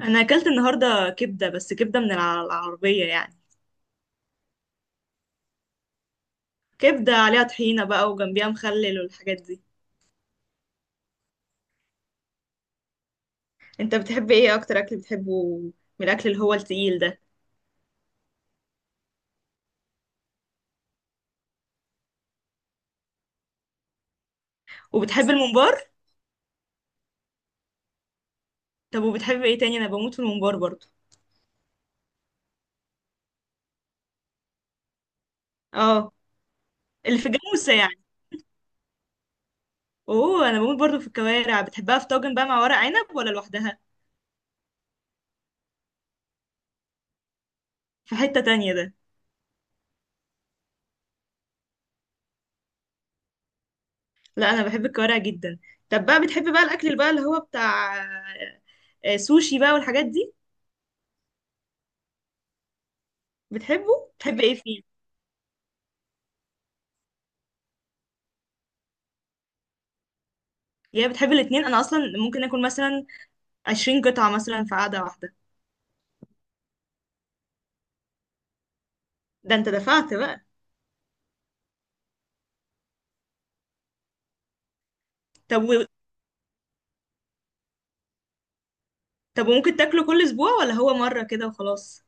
انا اكلت النهارده كبده، بس كبده من العربيه يعني. كبده عليها طحينه بقى، وجنبيها مخلل والحاجات دي. انت بتحب ايه اكتر؟ اكل بتحبه من الاكل اللي هو التقيل ده؟ وبتحب الممبار؟ طب وبتحب ايه تاني؟ انا بموت في الممبار برضو. اه، اللي في الجاموسه يعني. اوه، انا بموت برضو في الكوارع. بتحبها في طاجن بقى مع ورق عنب، ولا لوحدها؟ في حته تانية ده. لا، انا بحب الكوارع جدا. طب بقى، بتحب بقى الاكل اللي بقى اللي هو بتاع سوشي بقى والحاجات دي؟ بتحبه؟ بتحب ايه فيه؟ يا بتحب الاتنين؟ انا اصلا ممكن اكل مثلا 20 قطعة مثلا في قعدة واحدة. ده انت دفعت بقى. طب طب وممكن تاكله كل اسبوع، ولا هو مرة كده وخلاص؟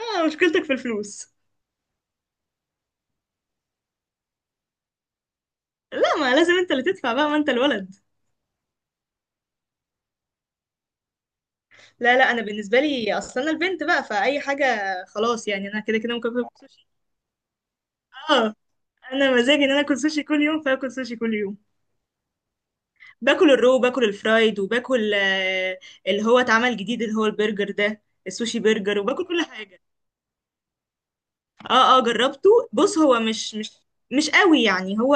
اه، مشكلتك في الفلوس. لا، ما لازم انت اللي تدفع بقى، ما انت الولد. لا لا، انا بالنسبة لي اصلا انا البنت بقى، فاي حاجة خلاص يعني. انا كده كده ممكن اكل سوشي. اه، انا مزاجي ان انا اكل سوشي كل يوم، فاكل سوشي كل يوم. باكل الرو، باكل الفرايد، وباكل اللي هو اتعمل جديد، اللي هو البرجر ده، السوشي برجر، وباكل كل حاجة. اه اه، جربته. بص، هو مش مش قوي يعني. هو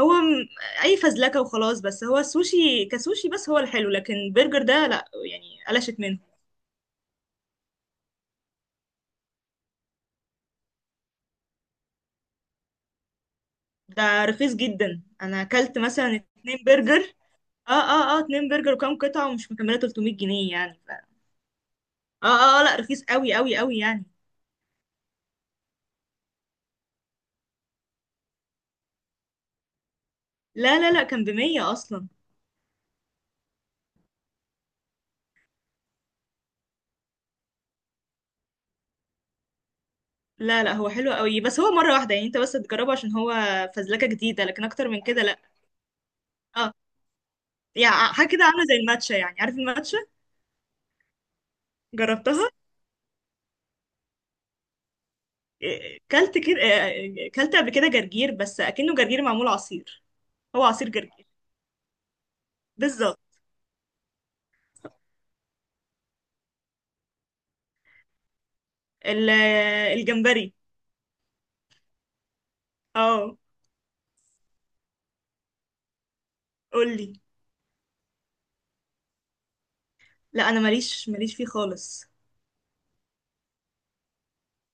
هو م- اي فزلكه وخلاص. بس هو السوشي كسوشي، بس هو الحلو، لكن برجر ده لا. يعني قلشت منه. ده رخيص جدا. انا اكلت مثلا اتنين برجر. اه اه اه، اتنين برجر وكام قطعه، ومش مكمله 300 جنيه يعني. اه اه، لا، رخيص قوي قوي قوي يعني. لا لا لا، كان بمية اصلا. لا لا، هو حلو قوي، بس هو مره واحده يعني. انت بس تجربه، عشان هو فزلكه جديده، لكن اكتر من كده لا. اه، يعني حاجه كده عامله زي الماتشا. يعني عارف الماتشا؟ جربتها. إيه، كلت كده. إيه، كلت قبل كده جرجير، بس اكنه جرجير معمول عصير. هو عصير جرجير. بالظبط. الجمبري. اه. قولي. لا، انا ماليش فيه خالص.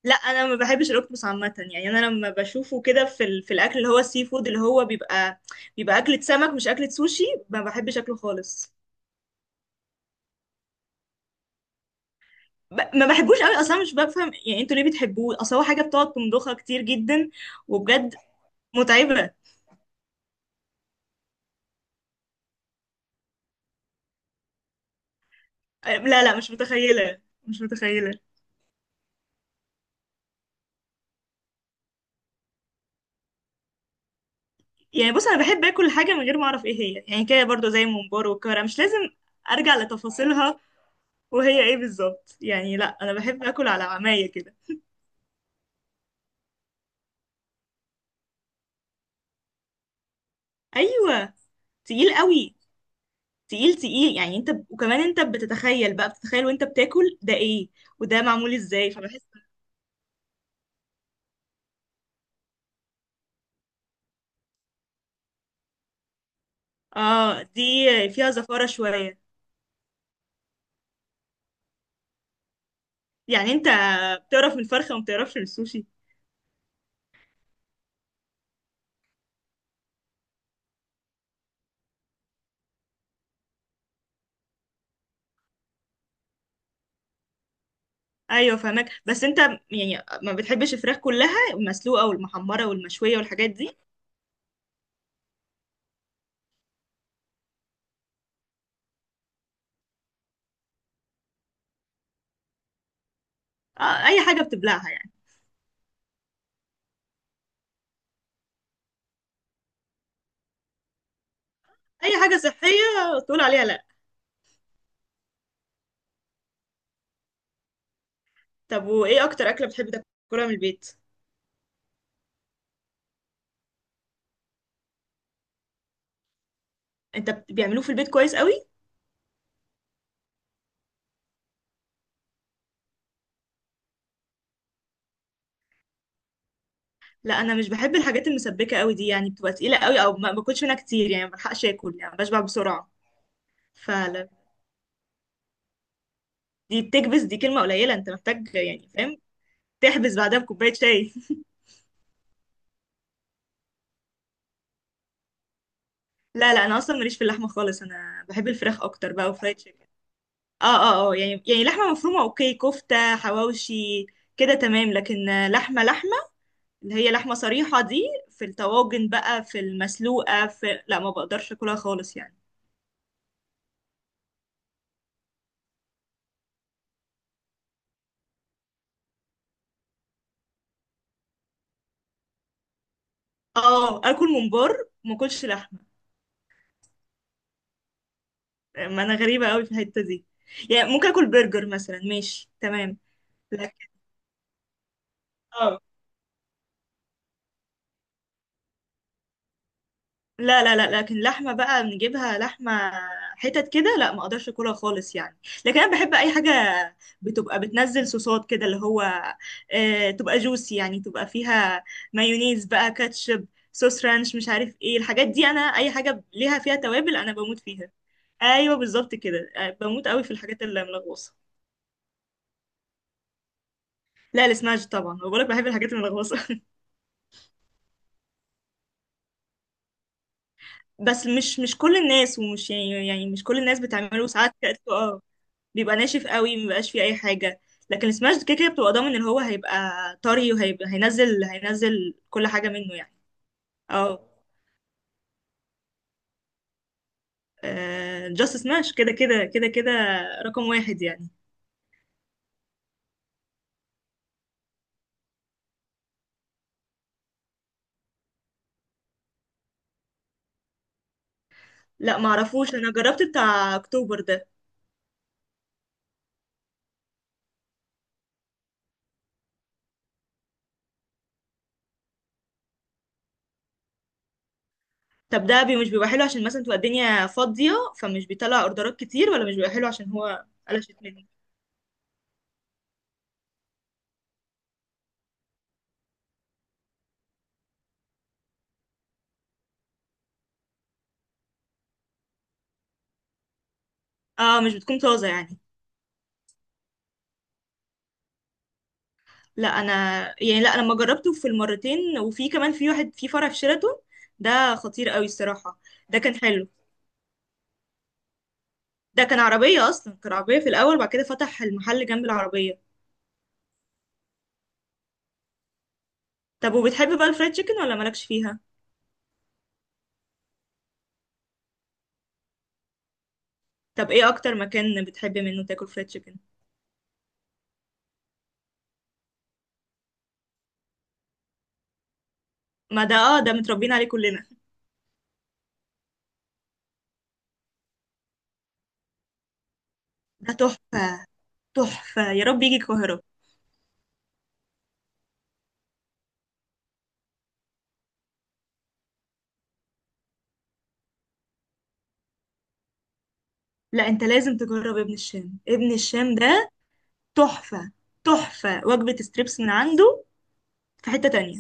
لا، انا ما بحبش الاوكتوبس عامه يعني. انا لما بشوفه كده في الاكل اللي هو السي فود، اللي هو بيبقى اكله سمك، مش اكله سوشي. ما بحبش اكله خالص. ما بحبوش قوي اصلا. مش بفهم يعني انتوا ليه بتحبوه. اصل هو حاجه بتقعد تمضخها كتير جدا وبجد. متعبه. لا لا، مش متخيله، مش متخيله. يعني بص، انا بحب اكل حاجه من غير ما اعرف ايه هي. يعني كده برضو زي الممبار والكرة، مش لازم ارجع لتفاصيلها وهي ايه بالظبط يعني. لا، انا بحب اكل على عمايه كده. ايوه. تقيل قوي. تقيل تقيل يعني. انت وكمان انت بتتخيل وانت بتاكل ده ايه وده معمول ازاي، فبحس. اه، دي فيها زفاره شويه. يعني انت بتعرف من الفرخه، وما بتعرفش من السوشي. ايوه فاهمك، بس انت يعني ما بتحبش الفراخ كلها، المسلوقه والمحمره والمشويه والحاجات دي. اي حاجه بتبلعها يعني. اي حاجه صحيه تقول عليها لا. طب وايه اكتر اكله بتحب تاكلها من البيت؟ انت بيعملوه في البيت كويس قوي. لا، انا مش بحب الحاجات المسبكه قوي دي، يعني بتبقى تقيله قوي، او ما باكلش منها كتير يعني. ما بلحقش اكل يعني، بشبع بسرعه. فلا. دي بتكبس، دي كلمه قليله. انت محتاج يعني، فاهم، تحبس بعدها بكوبايه شاي. لا لا، انا اصلا ماليش في اللحمه خالص. انا بحب الفراخ اكتر بقى وفرايد تشيكن. اه اه اه، يعني لحمة مفرومة اوكي، كفتة، حواوشي، كده تمام. لكن لحمة لحمة، اللي هي لحمة صريحة دي، في الطواجن بقى، في المسلوقة، لا، ما بقدرش اكلها خالص يعني. اه، اكل ممبار، ما اكلش لحمة. ما انا غريبة قوي في الحتة دي. يعني ممكن اكل برجر مثلا، ماشي تمام، لكن اه. لا لا لا، لكن لحمة بقى بنجيبها لحمة، حتت كده، لا، ما اقدرش اكلها خالص يعني. لكن انا بحب اي حاجة بتبقى بتنزل صوصات كده، اللي هو تبقى جوسي يعني. تبقى فيها مايونيز بقى، كاتشب، صوص رانش، مش عارف ايه الحاجات دي. انا اي حاجة ليها فيها توابل انا بموت فيها. ايوه بالظبط كده. بموت قوي في الحاجات اللي ملغوصة. لا، السماش طبعا. بقولك بحب الحاجات الملغوصة. بس مش كل الناس، ومش يعني مش كل الناس بتعمله ساعات كده. اه، بيبقى ناشف قوي، مبيبقاش فيه اي حاجه. لكن السماش كده كده بتبقى ضامن ان هو هيبقى طري، وهيبقى هينزل كل حاجه منه يعني. اه، جاست سماش كده كده كده كده، رقم واحد يعني. لا معرفوش، انا جربت بتاع اكتوبر ده. طب ده مش بيبقى حلو عشان مثلا تبقى الدنيا فاضيه، فمش بيطلع اوردرات كتير، ولا مش بيبقى حلو عشان هو قلشت منه؟ اه، مش بتكون طازه يعني. لا انا يعني لا، انا لما جربته في المرتين، وفي كمان في واحد في فرع في شيراتون، ده خطير قوي الصراحه. ده كان حلو. ده كان عربية أصلا، كان عربية في الأول، وبعد كده فتح المحل جنب العربية. طب وبتحب بقى الفرايد تشيكن، ولا مالكش فيها؟ طب ايه أكتر مكان بتحب منه تاكل فرايد تشيكن؟ ما ده، اه، ده متربيين عليه كلنا. ده تحفة، تحفة. يا رب يجي القاهرة. لا، انت لازم تجرب ابن الشام. ابن الشام ده تحفة. تحفة وجبة ستريبس من عنده. في حتة تانية.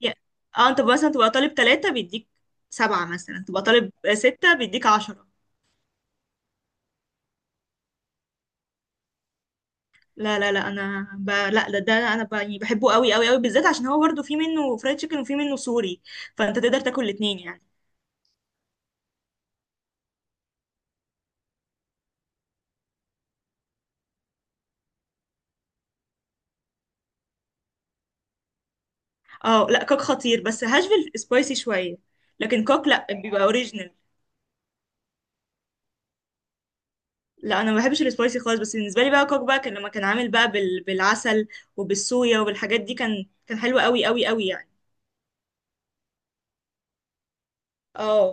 يا- اه، انت مثلا تبقى طالب ثلاثة، بيديك سبعة. مثلا تبقى طالب ستة، بيديك عشرة. لا لا لا، انا لا، ده انا يعني بحبه قوي قوي قوي، بالذات عشان هو برضه في منه فرايد تشيكن وفي منه سوري، فانت تقدر تاكل الاتنين يعني. اه، لا كوك خطير، بس هاشفيل سبايسي شويه، لكن كوك لا، بيبقى اوريجينال. لا، انا ما بحبش السبايسي خالص، بس بالنسبه لي بقى كوك بقى، كان لما كان عامل بقى بالعسل وبالصويا وبالحاجات دي، كان حلو قوي قوي قوي يعني. اه،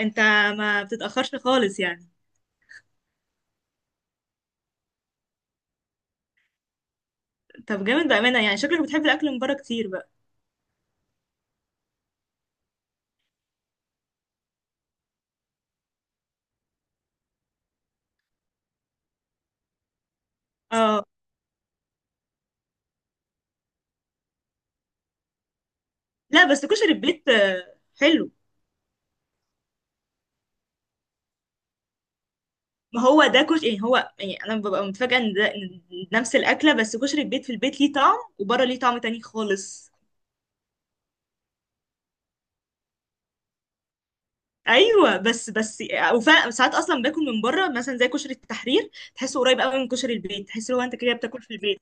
انت ما بتتاخرش خالص يعني. طب جامد بامانه. يعني شكلك بتحب الاكل من بره كتير بقى. اه، لا بس كشري البيت حلو. ما هو ده كشري يعني. هو يعني انا ببقى متفاجئه ان ده، نفس الاكله، بس كشري البيت في البيت ليه طعم، وبره ليه طعم تاني خالص. ايوه بس، وفعلا ساعات اصلا باكل من بره مثلا زي كشري التحرير، تحسه قريب قوي من كشري البيت، تحس لو انت كده بتاكل في البيت.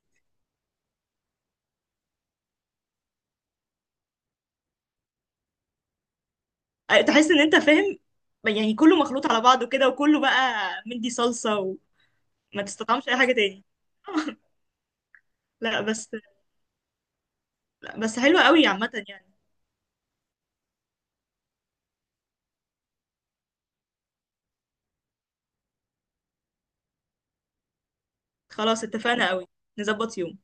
تحس ان انت، فاهم يعني، كله مخلوط على بعضه كده، وكله بقى مدي صلصه، وما تستطعمش اي حاجه تاني. لا بس لا بس، حلوه قوي عامه يعني. خلاص، اتفقنا قوي. نظبط يوم.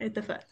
اتفقنا.